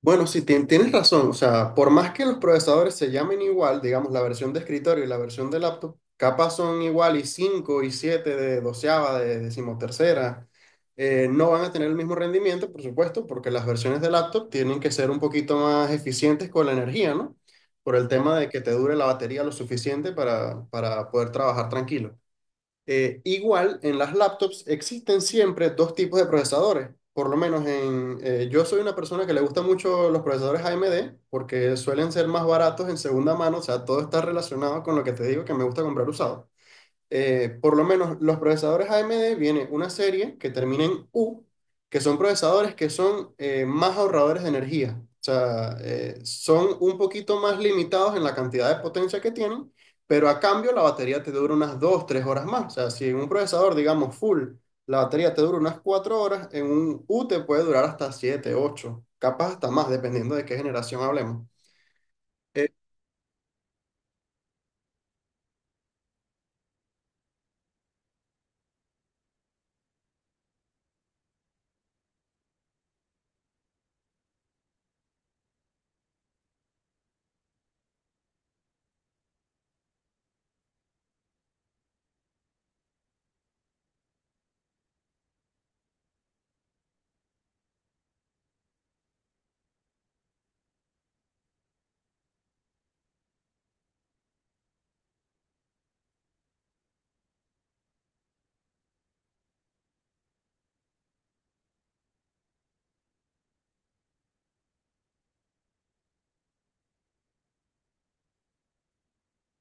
Bueno, sí, tienes razón. O sea, por más que los procesadores se llamen igual, digamos, la versión de escritorio y la versión de laptop, capaz son igual y 5 y 7 de doceava, de decimotercera, no van a tener el mismo rendimiento, por supuesto, porque las versiones de laptop tienen que ser un poquito más eficientes con la energía, ¿no? Por el tema de que te dure la batería lo suficiente para poder trabajar tranquilo. Igual, en las laptops existen siempre dos tipos de procesadores. Por lo menos yo soy una persona que le gusta mucho los procesadores AMD porque suelen ser más baratos en segunda mano, o sea, todo está relacionado con lo que te digo que me gusta comprar usado. Por lo menos, los procesadores AMD viene una serie que termina en U, que son procesadores que son más ahorradores de energía. O sea, son un poquito más limitados en la cantidad de potencia que tienen, pero a cambio la batería te dura unas 2, 3 horas más. O sea, si en un procesador, digamos, full, la batería te dura unas 4 horas, en un U te puede durar hasta 7, 8, capaz hasta más, dependiendo de qué generación hablemos.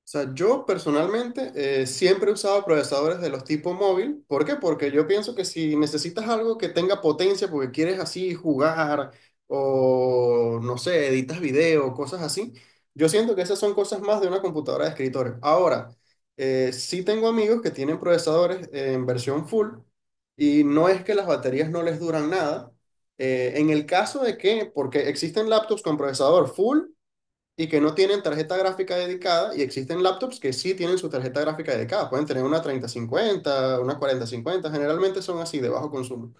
O sea, yo personalmente siempre he usado procesadores de los tipo móvil. ¿Por qué? Porque yo pienso que si necesitas algo que tenga potencia porque quieres así jugar o no sé, editas video, cosas así, yo siento que esas son cosas más de una computadora de escritorio. Ahora, sí tengo amigos que tienen procesadores en versión full y no es que las baterías no les duran nada. En el caso de que, porque existen laptops con procesador full y que no tienen tarjeta gráfica dedicada y existen laptops que sí tienen su tarjeta gráfica dedicada. Pueden tener una treinta cincuenta una cuarenta cincuenta, generalmente son así de bajo consumo.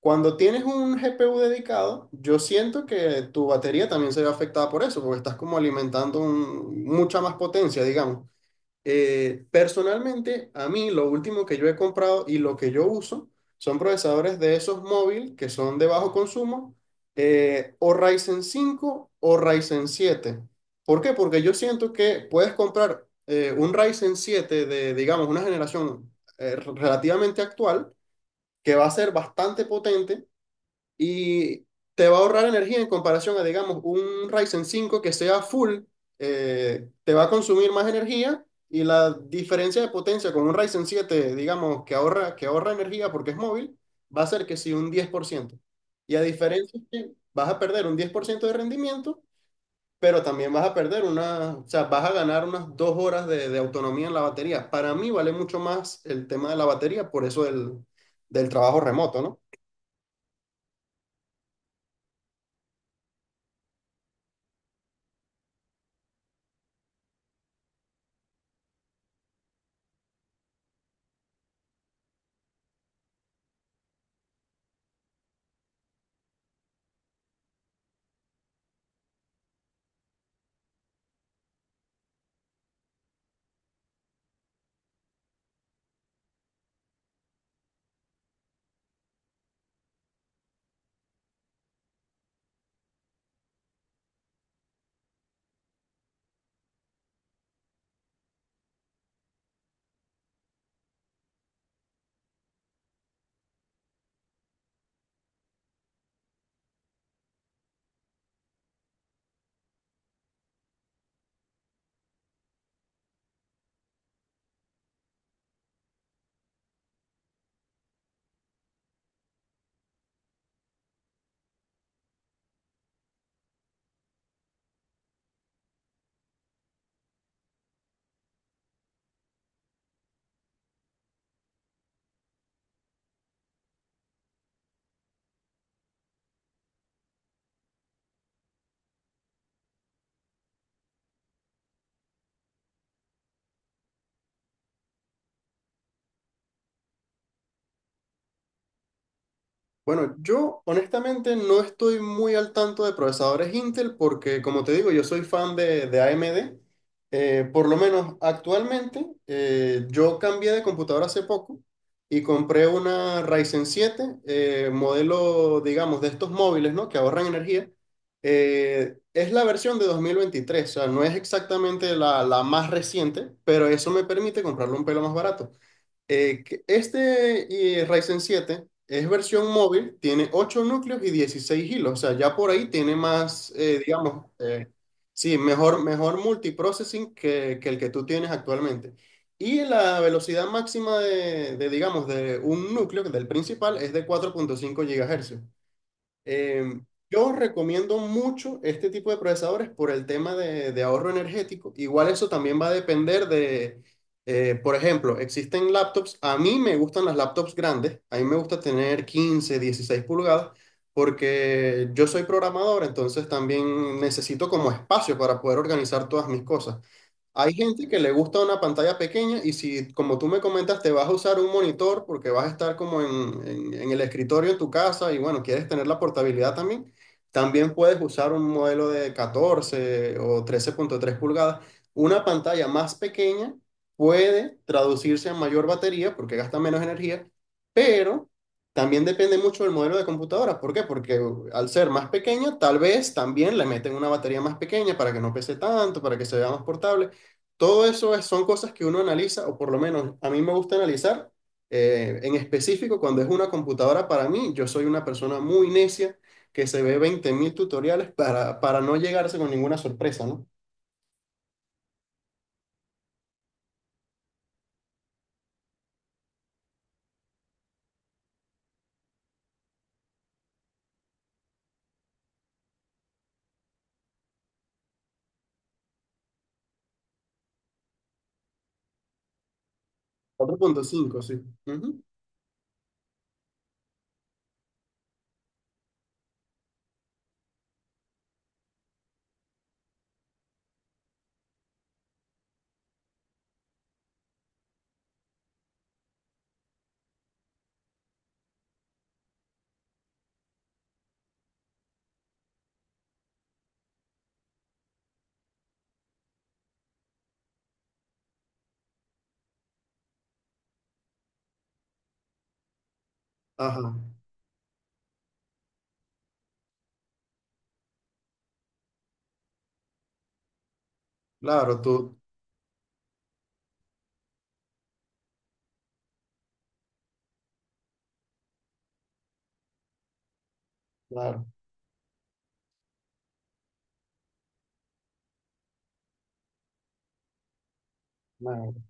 Cuando tienes un GPU dedicado, yo siento que tu batería también se ve afectada por eso, porque estás como alimentando mucha más potencia, digamos. Personalmente, a mí lo último que yo he comprado y lo que yo uso son procesadores de esos móviles que son de bajo consumo, o Ryzen cinco o Ryzen siete. ¿Por qué? Porque yo siento que puedes comprar un Ryzen siete de, digamos, una generación relativamente actual que va a ser bastante potente y te va a ahorrar energía en comparación a, digamos, un Ryzen cinco que sea full. Te va a consumir más energía y la diferencia de potencia con un Ryzen siete, digamos, que ahorra, energía porque es móvil, va a ser que sí un 10%. Y a diferencia que vas a perder un 10% de rendimiento, pero también vas a perder una, o sea, vas a ganar unas 2 horas de autonomía en la batería. Para mí vale mucho más el tema de la batería, por eso del trabajo remoto, ¿no? Bueno, yo honestamente no estoy muy al tanto de procesadores Intel porque, como te digo, yo soy fan de AMD. Por lo menos actualmente, yo cambié de computadora hace poco y compré una Ryzen siete, modelo, digamos, de estos móviles, ¿no? Que ahorran energía. Es la versión de 2023, o sea, no es exactamente la, la más reciente, pero eso me permite comprarlo un pelo más barato. Que este Ryzen siete es versión móvil, tiene 8 núcleos y 16 hilos, o sea, ya por ahí tiene más, digamos, sí, mejor multiprocessing que el que tú tienes actualmente. Y la velocidad máxima digamos, de un núcleo, del principal, es de 4,5 GHz. Eh, yo recomiendo mucho este tipo de procesadores por el tema de ahorro energético. Igual eso también va a depender de, por ejemplo, existen laptops, a mí me gustan las laptops grandes, a mí me gusta tener 15, 16 pulgadas, porque yo soy programador, entonces también necesito como espacio para poder organizar todas mis cosas. Hay gente que le gusta una pantalla pequeña y si, como tú me comentas, te vas a usar un monitor porque vas a estar como en el escritorio en tu casa y bueno, quieres tener la portabilidad también, también puedes usar un modelo de 14 o 13,3 pulgadas. Una pantalla más pequeña puede traducirse a mayor batería porque gasta menos energía, pero también depende mucho del modelo de computadora. ¿Por qué? Porque al ser más pequeña, tal vez también le meten una batería más pequeña para que no pese tanto, para que se vea más portable. Todo eso son cosas que uno analiza, o por lo menos a mí me gusta analizar. En específico, cuando es una computadora para mí, yo soy una persona muy necia que se ve 20.000 tutoriales para no llegarse con ninguna sorpresa, ¿no? 4,5, sí. Ujú. Ajá, claro, tú, claro, claro.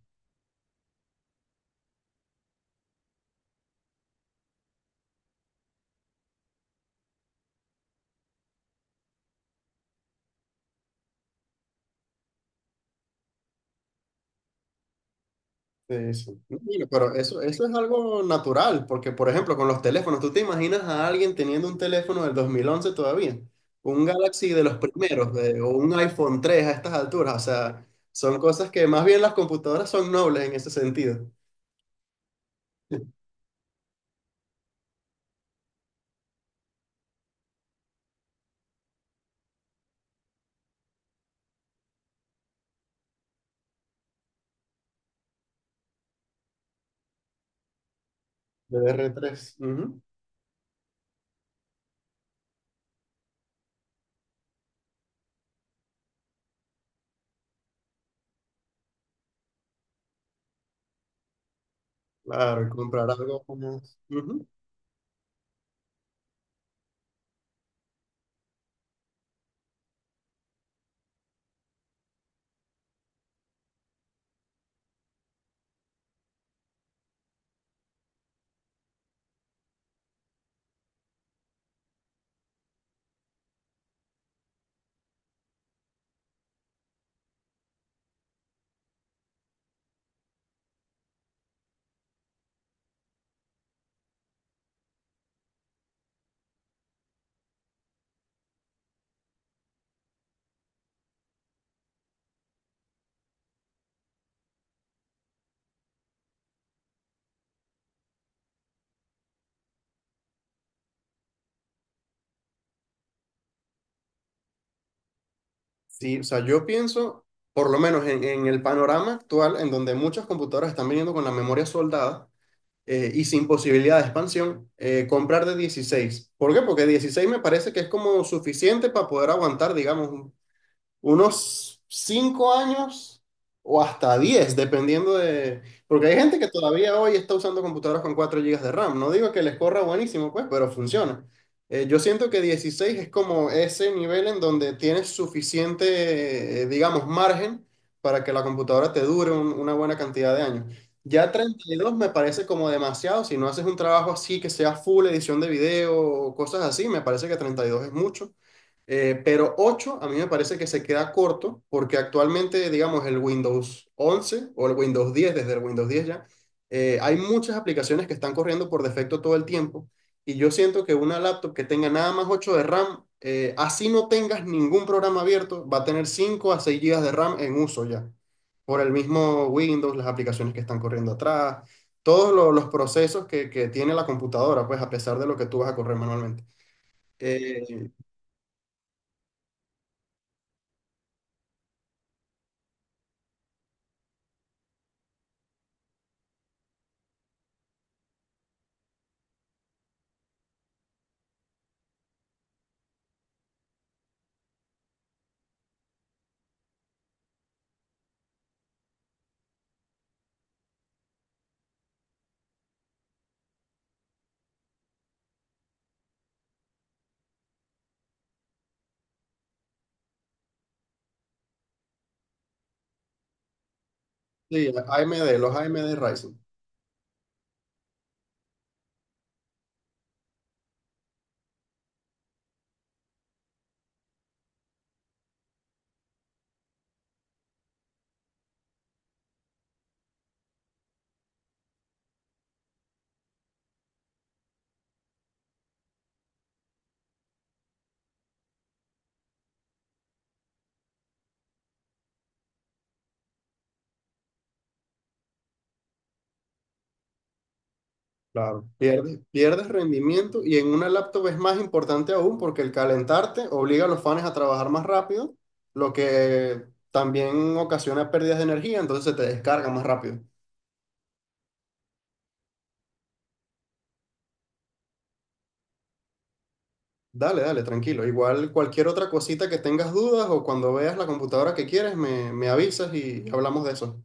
Sí, sí. No, mira, pero eso es algo natural, porque por ejemplo con los teléfonos, ¿tú te imaginas a alguien teniendo un teléfono del 2011 todavía? Un Galaxy de los primeros, o un iPhone 3 a estas alturas, o sea, son cosas que más bien las computadoras son nobles en ese sentido. dr tres, ujú. Claro, y comprar algo más, ujú. Sí, o sea, yo pienso, por lo menos en el panorama actual, en donde muchas computadoras están viniendo con la memoria soldada, y sin posibilidad de expansión. Comprar de 16. ¿Por qué? Porque 16 me parece que es como suficiente para poder aguantar, digamos, unos 5 años o hasta 10 dependiendo de... Porque hay gente que todavía hoy está usando computadoras con 4 gigas de RAM. No digo que les corra buenísimo, pues, pero funciona. Yo siento que 16 es como ese nivel en donde tienes suficiente, digamos, margen para que la computadora te dure una buena cantidad de años. Ya 32 me parece como demasiado. Si no haces un trabajo así que sea full edición de video o cosas así, me parece que 32 es mucho. Pero 8 a mí me parece que se queda corto porque actualmente, digamos, el Windows 11 o el Windows 10, desde el Windows 10 ya, hay muchas aplicaciones que están corriendo por defecto todo el tiempo y yo siento que una laptop que tenga nada más 8 de RAM, así no tengas ningún programa abierto, va a tener 5 a 6 gigas de RAM en uso ya, por el mismo Windows, las aplicaciones que están corriendo atrás, todos los procesos que tiene la computadora, pues a pesar de lo que tú vas a correr manualmente. Eh, Sí, AMD, los AMD Ryzen. Claro. Pierdes rendimiento y en una laptop es más importante aún porque el calentarte obliga a los fans a trabajar más rápido, lo que también ocasiona pérdidas de energía, entonces se te descarga más rápido. Dale, dale, tranquilo. Igual cualquier otra cosita que tengas dudas o cuando veas la computadora que quieres, me avisas y hablamos de eso.